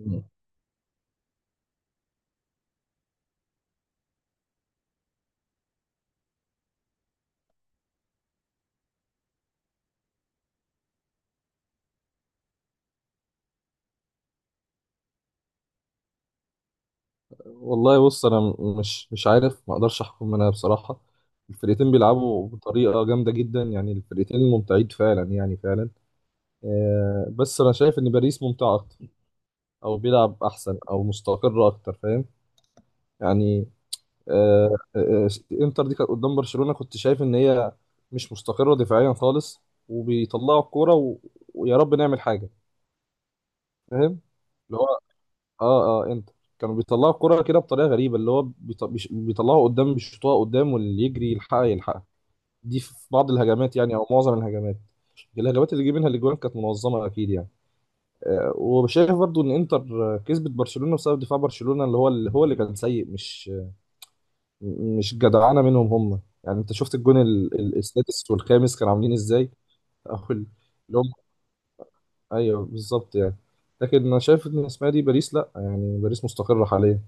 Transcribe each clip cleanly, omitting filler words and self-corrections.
مم. والله بص، انا مش عارف، ما اقدرش احكم انا بصراحه. الفرقتين بيلعبوا بطريقه جامده جدا، يعني الفرقتين ممتعين فعلا، يعني فعلا. بس انا شايف ان باريس ممتع اكتر، او بيلعب احسن او مستقر اكتر، فاهم يعني. آه، آه، آه، انتر دي كانت قدام برشلونه، كنت شايف ان هي مش مستقره دفاعيا خالص، وبيطلعوا الكوره و- ويا رب نعمل حاجه. فاهم. اه انت، كانوا بيطلعوا الكرة كده بطريقة غريبة، اللي هو بيطلعوا قدام، بيشوطوها قدام، واللي يجري يلحقها يلحقها. دي في بعض الهجمات يعني، او معظم الهجمات. الهجمات اللي جه منها الاجوان كانت منظمة اكيد يعني. آه، وشايف برضو ان انتر كسبت برشلونة بسبب دفاع برشلونة، اللي هو اللي هو اللي كان سيء، مش جدعانة منهم هم يعني. انت شفت الجون السادس والخامس كانوا عاملين ازاي؟ او ال- اللي هم ايوه بالظبط يعني. لكن انا شايف ان اسمها دي باريس، لا يعني باريس مستقرة حاليا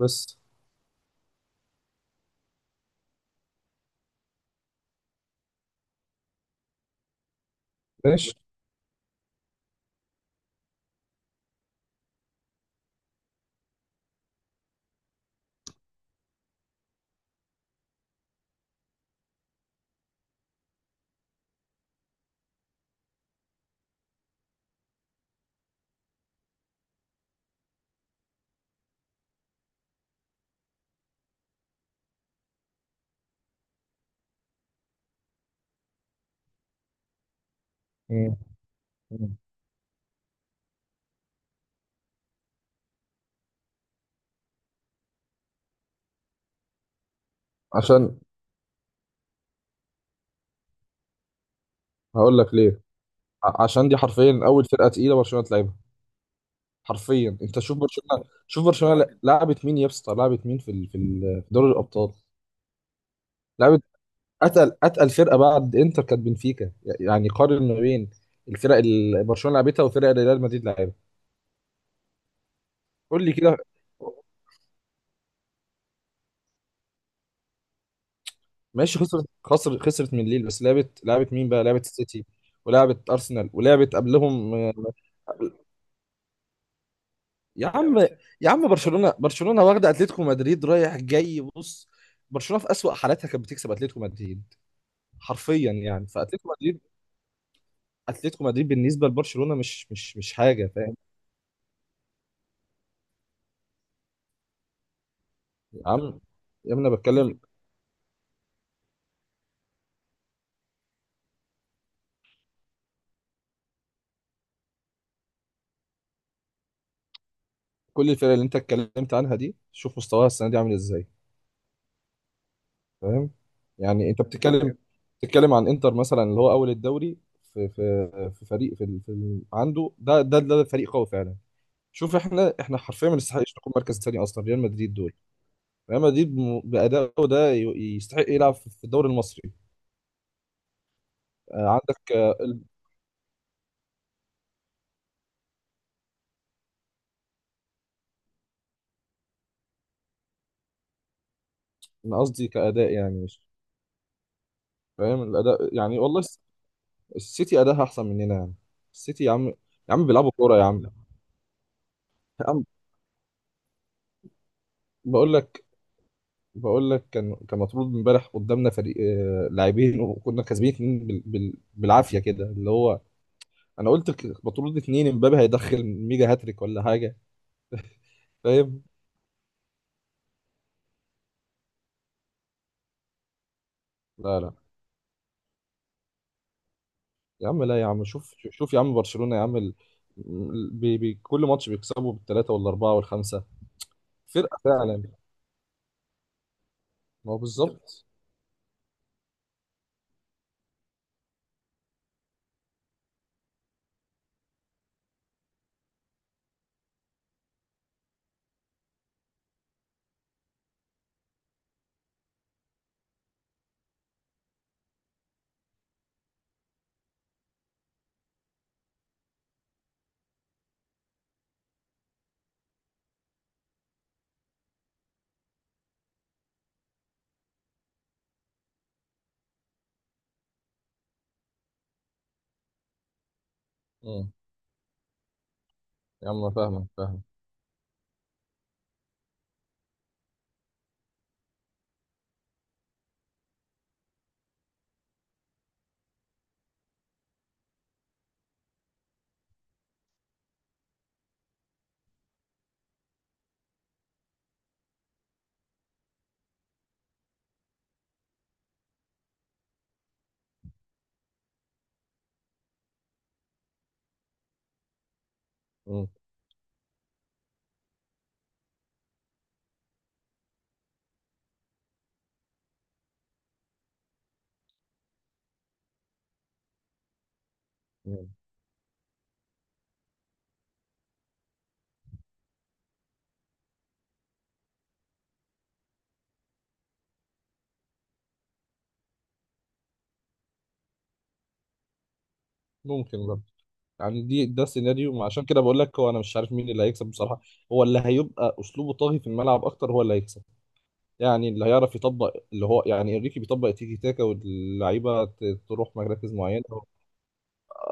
بس. ماشي. مم. مم. عشان هقول لك ليه. عشان دي حرفيا اول فرقه تقيله برشلونه تلعبها. حرفيا انت شوف برشلونه، شوف برشلونه لعبت مين يا اسطى، لعبت مين في في دوري الابطال؟ لعبت، اتقل اتقل فرقه بعد انتر كانت بنفيكا، يعني قارن ما بين الفرق اللي برشلونه لعبتها والفرق اللي ريال مدريد لعبها. قول لي كده. ماشي، خسرت خسرت من ليل، بس لعبت مين بقى؟ لعبت السيتي، ولعبت ارسنال، ولعبت قبلهم. يا عم، يا عم برشلونة، برشلونة واخدة اتلتيكو مدريد رايح جاي بص. برشلونة في أسوأ حالاتها كانت بتكسب اتلتيكو مدريد حرفيا يعني. فاتلتيكو مدريد، اتلتيكو مدريد بالنسبة لبرشلونة مش حاجة، فاهم. يا عم، يا ابني انا بتكلم. كل الفرق اللي انت اتكلمت عنها دي، شوف مستواها السنة دي عامل ازاي، فاهم يعني. انت بتتكلم، بتتكلم عن انتر مثلا اللي هو اول الدوري، في فريق عنده ده فريق قوي فعلا. شوف، احنا حرفيا ما نستحقش نكون مركز تاني اصلا. ريال مدريد دول، ريال مدريد بأدائه ده يستحق يلعب في الدوري المصري. عندك أنا قصدي كأداء يعني، مش فاهم الأداء يعني. والله السيتي أداها أحسن مننا يعني. السيتي يا عم، يا عم بيلعبوا كورة يا عم. يا عم، بقول لك، بقول لك كان كان مطرود امبارح قدامنا فريق، لاعبين، وكنا كاسبين اتنين بالعافية كده، اللي هو أنا قلت مطرود اتنين، امبابي هيدخل ميجا هاتريك ولا حاجة. فاهم. لا لا، يا عم لا، يا عم شوف، شوف يا عم برشلونة يا عم ال... كل ماتش بيكسبوا بالثلاثة والأربعة والخمسة. فرقة فعلا. ما هو بالظبط. مم. يا عم أنا فاهمك، فاهم. مم. مم. ممكن برضه. يعني دي، ده سيناريو ما، عشان كده بقول لك هو انا مش عارف مين اللي هيكسب بصراحة. هو اللي هيبقى اسلوبه طاغي في الملعب اكتر هو اللي هيكسب. يعني اللي هيعرف يطبق اللي هو، يعني انريكي بيطبق تيكي تاكا واللعيبة تروح مراكز معينة.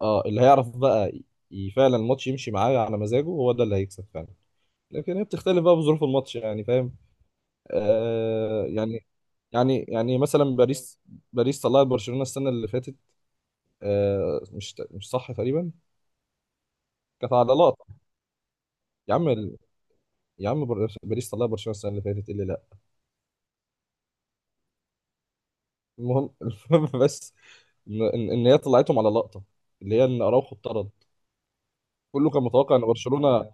اه، اللي هيعرف بقى فعلا الماتش يمشي معاه على مزاجه، هو ده اللي هيكسب فعلا. لكن هي بتختلف بقى بظروف الماتش يعني، فاهم. آه يعني. يعني مثلا باريس، باريس طلعت برشلونة السنة اللي فاتت، آه مش صح تقريبا؟ كانت عضلات يا عم ال... يا عم، باريس طلعت برشلونة السنة اللي فاتت، إيه اللي لا. المهم المهم بس، ان إن هي طلعتهم على لقطة، اللي هي ان اراوخو اتطرد، كله كان متوقع ان برشلونة.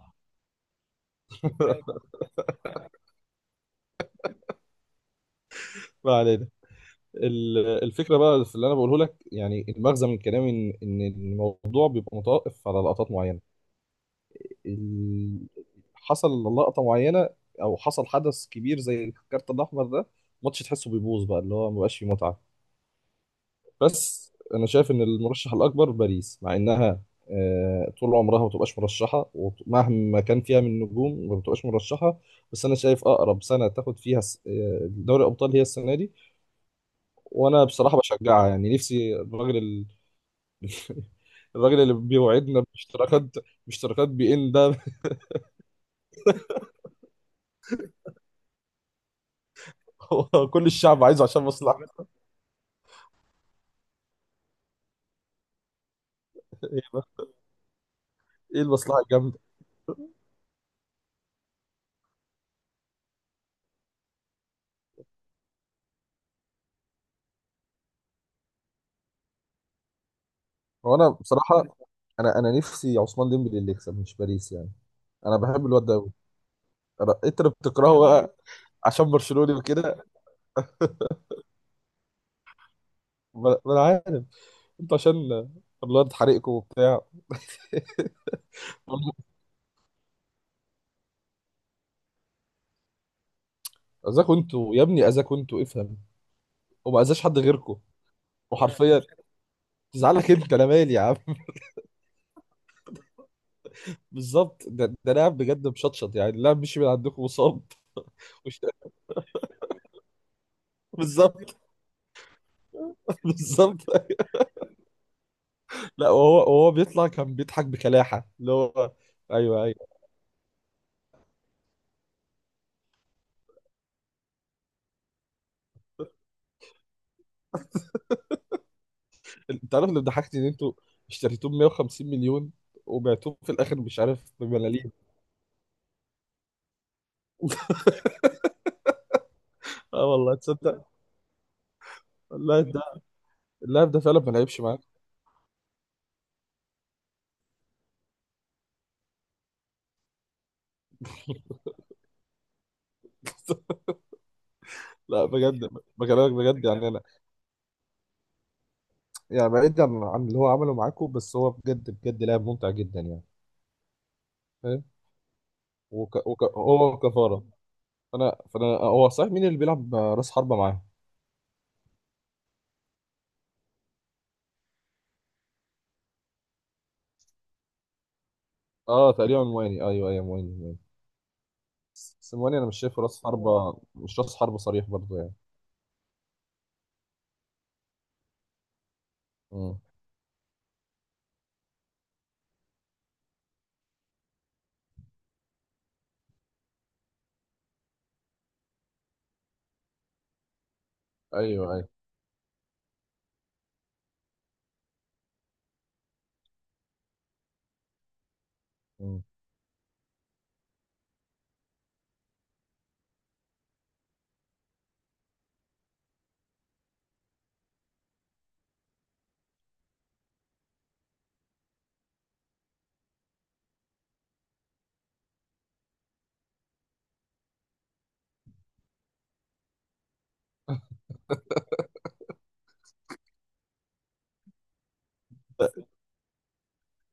ما علينا. ال- الفكرة بقى في اللي انا بقوله لك يعني، المغزى من كلامي ان الموضوع بيبقى متوقف على لقطات معينة. ال- حصل لقطة معينة، أو حصل حدث كبير زي الكارت الأحمر ده، الماتش تحسه بيبوظ بقى، اللي هو مبقاش فيه متعة. بس أنا شايف إن المرشح الأكبر باريس، مع إنها طول عمرها ما بتبقاش مرشحة، ومهما كان فيها من نجوم ما بتبقاش مرشحة. بس أنا شايف أقرب سنة تاخد فيها دوري الأبطال هي السنة دي. وأنا بصراحة بشجعها، يعني نفسي الراجل ال... الراجل اللي بيوعدنا باشتراكات، باشتراكات بي إن ده. هو كل الشعب عايزه عشان مصلحة. ايه بقى، ايه المصلحه الجامده؟ هو انا بصراحه، انا نفسي عثمان ديمبلي اللي يكسب، مش باريس يعني. انا بحب الواد ده قوي. انت اللي بتكرهه بقى عشان برشلوني وكده. ما انا عارف، انتوا عشان الواد حريقكم وبتاع. اذاكوا انتوا يا ابني، اذاكوا انتوا افهم، وما اذاش حد غيركم. وحرفيا تزعلك انت، انا مالي يا عم. بالظبط، ده لاعب بجد مشطشط يعني، اللاعب مشي من عندكم وصاب. وش- بالظبط، بالظبط. لا، وهو بيطلع كان بيضحك بكلاحة اللي هو. ايوه ايوه. انت عارف اللي ضحكتي، ان انتوا اشتريتوه ب 150 مليون وبعتوه في الاخر مش عارف بملاليم. اه والله تصدق، اللاعب ده، اللاعب ده فعلا ما لعبش معاك. لا بجد، بكلمك بجد يعني انا، يعني بعيد عن عن اللي هو عمله معاكم، بس هو بجد بجد لاعب ممتع جدا يعني، فاهم. وك... وك... هو كفارة. فانا، فانا هو صحيح مين اللي بيلعب راس حربة معاه؟ اه تقريبا مواني، ايوه ايوه مواني سيموني. انا مش شايفه راس حربة، مش راس حربة صريح برضه يعني. مم. ايوه ايوه. مم.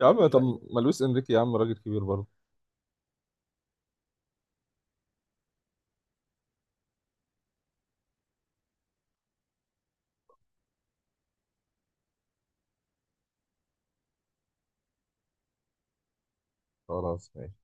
يا عم طب، ما لويس انريكي يا عم راجل كبير برضه. خلاص ماشي.